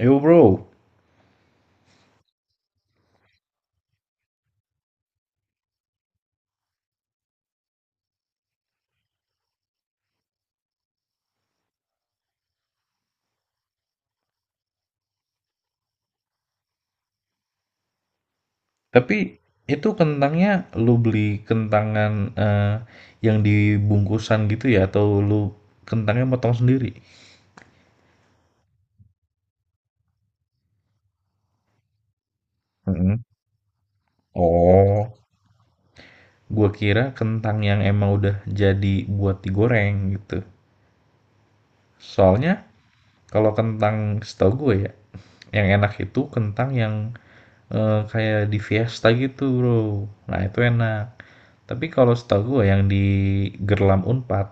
Yo bro, tapi itu kentangnya lu beli kentangan eh, yang dibungkusan gitu ya atau lu kentangnya motong sendiri? Mm-mm. Oh, gua kira kentang yang emang udah jadi buat digoreng gitu. Soalnya kalau kentang setahu gue ya, yang enak itu kentang yang kayak di Fiesta gitu bro. Nah itu enak. Tapi kalau setahu gue yang di Gerlam Unpad,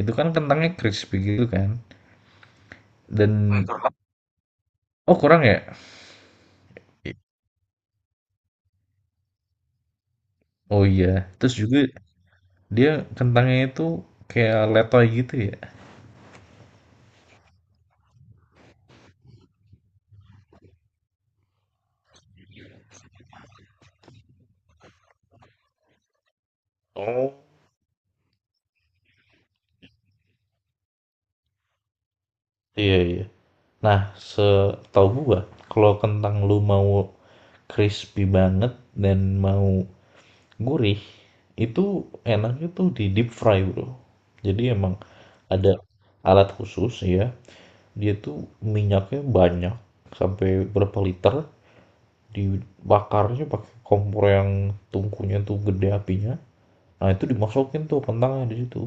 itu kan kentangnya crispy gitu kan. Dan Oh kurang ya? Oh iya. Terus juga dia kentangnya itu kayak letoy gitu ya? Oh. Iya, iya. Nah, setahu gua, kalau kentang lu mau crispy banget dan mau gurih, itu enaknya tuh di deep fry, bro. Jadi emang ada alat khusus ya. Dia tuh minyaknya banyak, sampai berapa liter, dibakarnya pakai kompor yang tungkunya tuh gede apinya. Nah, itu dimasukin tuh kentangnya di situ.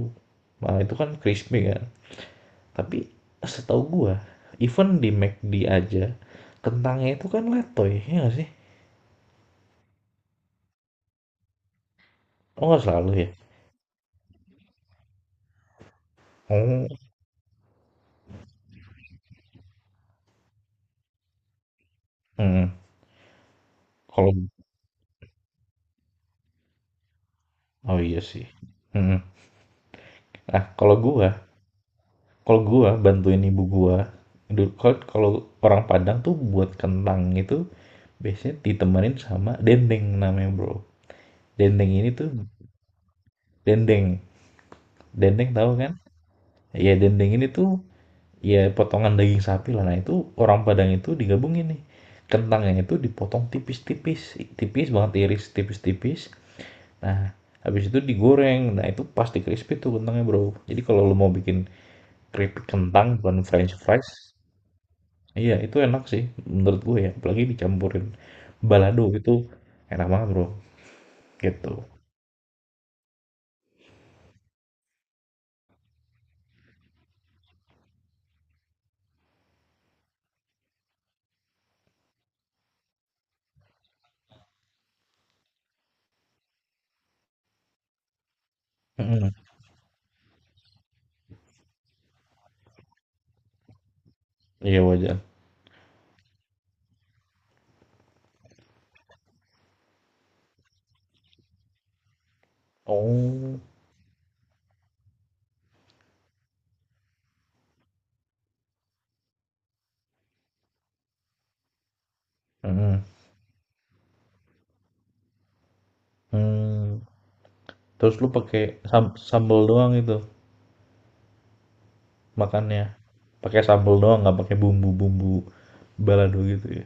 Nah, itu kan crispy kan. Tapi setahu gua, even di McD aja kentangnya itu kan letoy, ya nggak sih? Oh, nggak selalu ya. Oh, hmm. Kalau oh iya sih. Hmm. Nah, kalau gua bantuin ibu gua, kalau kalau orang Padang tuh buat kentang itu biasanya ditemenin sama dendeng namanya, Bro. Dendeng ini tuh dendeng. Dendeng tahu kan? Iya, dendeng ini tuh ya potongan daging sapi lah, nah itu orang Padang itu digabungin nih, kentangnya itu dipotong tipis-tipis, tipis banget, iris tipis-tipis, nah habis itu digoreng, nah itu pasti crispy tuh kentangnya bro. Jadi kalau lo mau bikin keripik kentang, bukan french fries. Iya itu enak sih menurut gue ya, apalagi dicampurin balado, itu enak banget bro. Gitu. Mm-mm. Iya, wajan. Oh. Mm-mm. Hmm. Terus lu pakai sambal doang itu makannya. Pakai sambel doang, nggak pakai bumbu-bumbu balado gitu ya.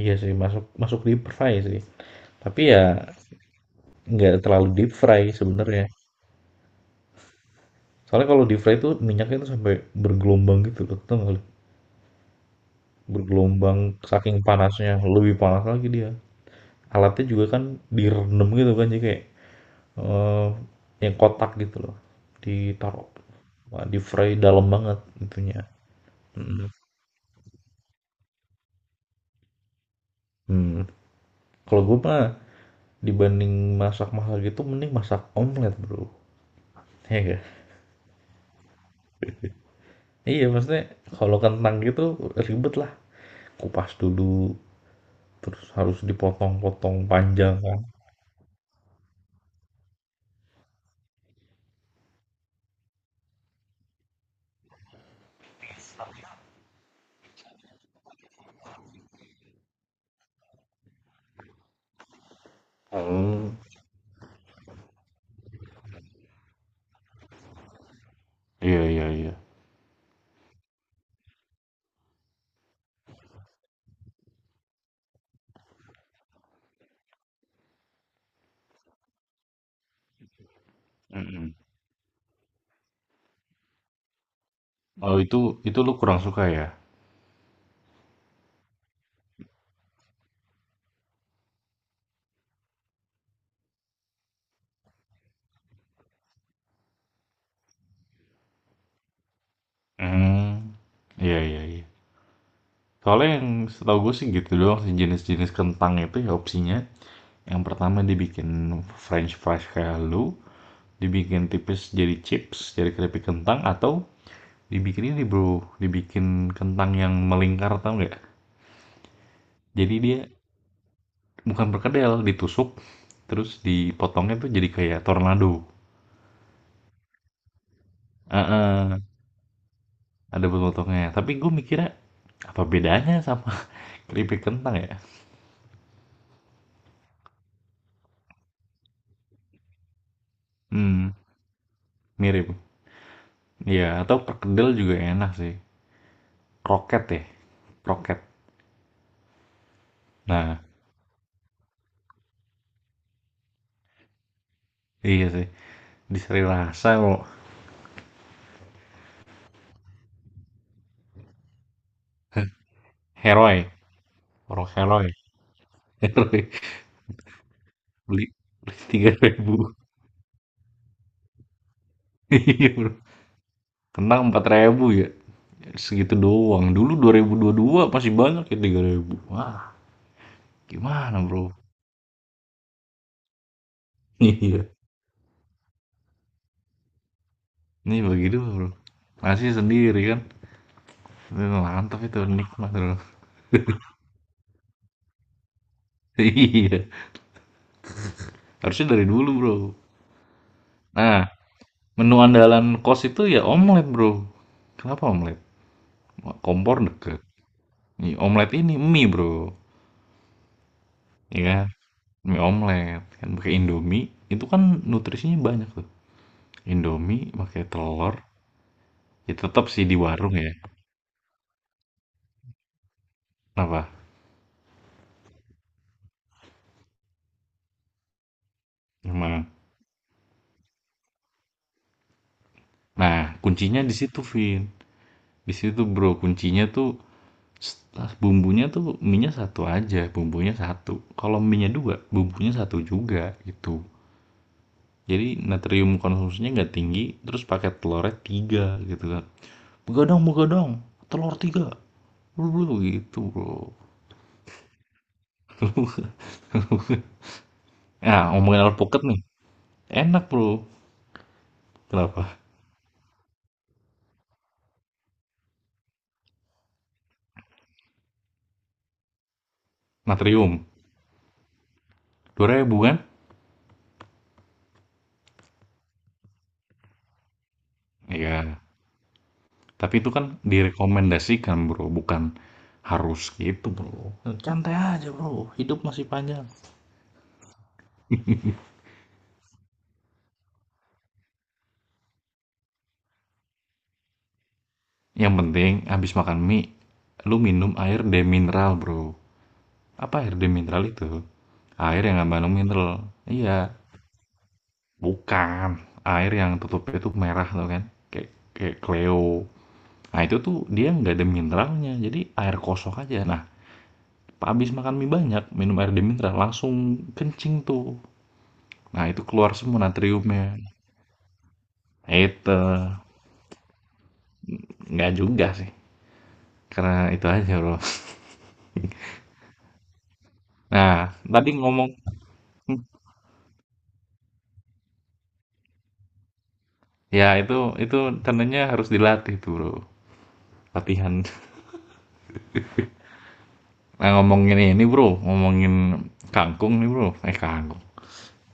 Iya sih, masuk, masuk deep fry sih. Tapi ya nggak terlalu deep fry sebenarnya. Soalnya kalau deep fry itu minyaknya tuh sampai bergelombang gitu loh, tau nggak lu? Bergelombang saking panasnya, lebih panas lagi dia. Alatnya juga kan direndam gitu kan, jadi kayak eee, yang kotak gitu loh, ditaruh. Wah, deep fry dalam banget itunya. Mm-hmm. Hmm. Mhm. Kalau gue mah dibanding masak mahal gitu mending masak omelet bro. Iya, enggak, iya maksudnya kalau kentang gitu ribet lah, kupas dulu, terus harus dipotong-potong panjang kan. Oh, iya iya iya. Mm-mm. Oh, itu lu kurang suka ya? Hmm, iya iya iya. Soalnya yang setahu gue sih gitu doang sih jenis-jenis kentang itu ya opsinya. Yang pertama dibikin French fries kayak lu, dibikin tipis jadi chips, jadi keripik kentang, atau dibikin ini bro, dibikin kentang yang melingkar, tau nggak? Jadi dia bukan perkedel, ditusuk, terus dipotongnya tuh jadi kayak tornado. Heeh, ada potongnya. Tapi gue mikirnya apa bedanya sama keripik kentang ya? Hmm, mirip. Ya, atau perkedel juga enak sih. Kroket ya, kroket. Nah, iya sih. Di Sri Rasa lo, heroi, orang heroi, heroi. Beli, beli 3.000. Iya bro, kentang 4.000 ya. Segitu doang. Dulu 2022 pasti banyak ya 3.000. Wah, gimana bro? Iya. Ini bagi dua bro. Nasi sendiri kan. Itu mantap itu, nikmat bro. Iya, harusnya dari dulu bro. Nah, menu andalan kos itu ya omelet bro. Kenapa omelet? Kompor deket. Nih, omelet ini mie bro. Iya, kan? Mie omelet. Kan pakai Indomie, itu kan nutrisinya banyak tuh. Indomie pakai telur, ya tetap sih di warung ya. Kenapa? Emang Nah, kuncinya di situ, Vin. Di situ, Bro. Kuncinya tuh setelah bumbunya tuh minyak satu aja, bumbunya satu. Kalau minyak dua, bumbunya satu juga gitu. Jadi natrium konsumsinya nggak tinggi, terus pakai telurnya tiga gitu kan. Begadang, begadang, telur tiga. Bro, gitu, Bro. Nah, ngomongin alpukat nih. Enak, Bro. Kenapa? Natrium. 2.000 kan? Iya. Tapi itu kan direkomendasikan, Bro, bukan harus gitu, Bro. Santai aja, Bro. Hidup masih panjang. Yang penting habis makan mie, lu minum air demineral, Bro. Apa air demineral itu? Air yang nggak mengandung mineral. Iya, bukan. Air yang tutupnya tuh merah tuh kan. Kayak kayak Cleo. Nah, itu tuh dia nggak ada mineralnya. Jadi air kosong aja. Nah, habis makan mie banyak, minum air demineral langsung kencing tuh. Nah, itu keluar semua natriumnya. Itu, nggak juga sih, karena itu aja, Bro. Nah, tadi ngomong ya, itu tandanya harus dilatih tuh, Bro. Latihan. Nah, ngomongin ini, Bro, ngomongin kangkung nih, Bro. Eh, kangkung.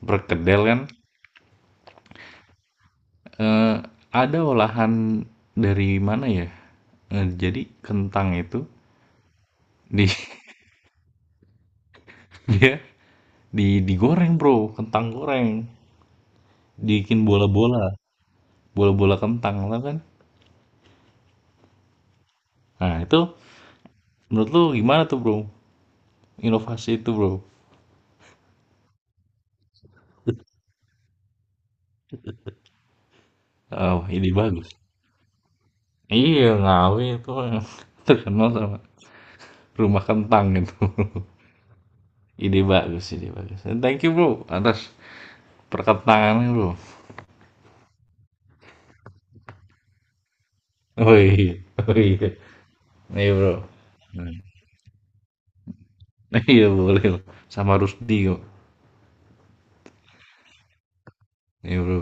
Perkedel kan, eh, ada olahan dari mana ya? Jadi kentang itu di dia digoreng, Bro. Kentang goreng. Dibikin bola-bola, bola-bola kentang lah kan. Nah, itu menurut lu gimana tuh, Bro? Inovasi itu, Bro. Oh, ini bagus. Iya, Ngawi itu yang terkenal sama rumah kentang gitu. Ide bagus, ide bagus. And thank you, Bro, atas perkentangannya, Bro. Oh iya, oh iya. Iya, Bro. Hmm. Iya, boleh. Bro. Sama Rusdi kok. Nih Bro.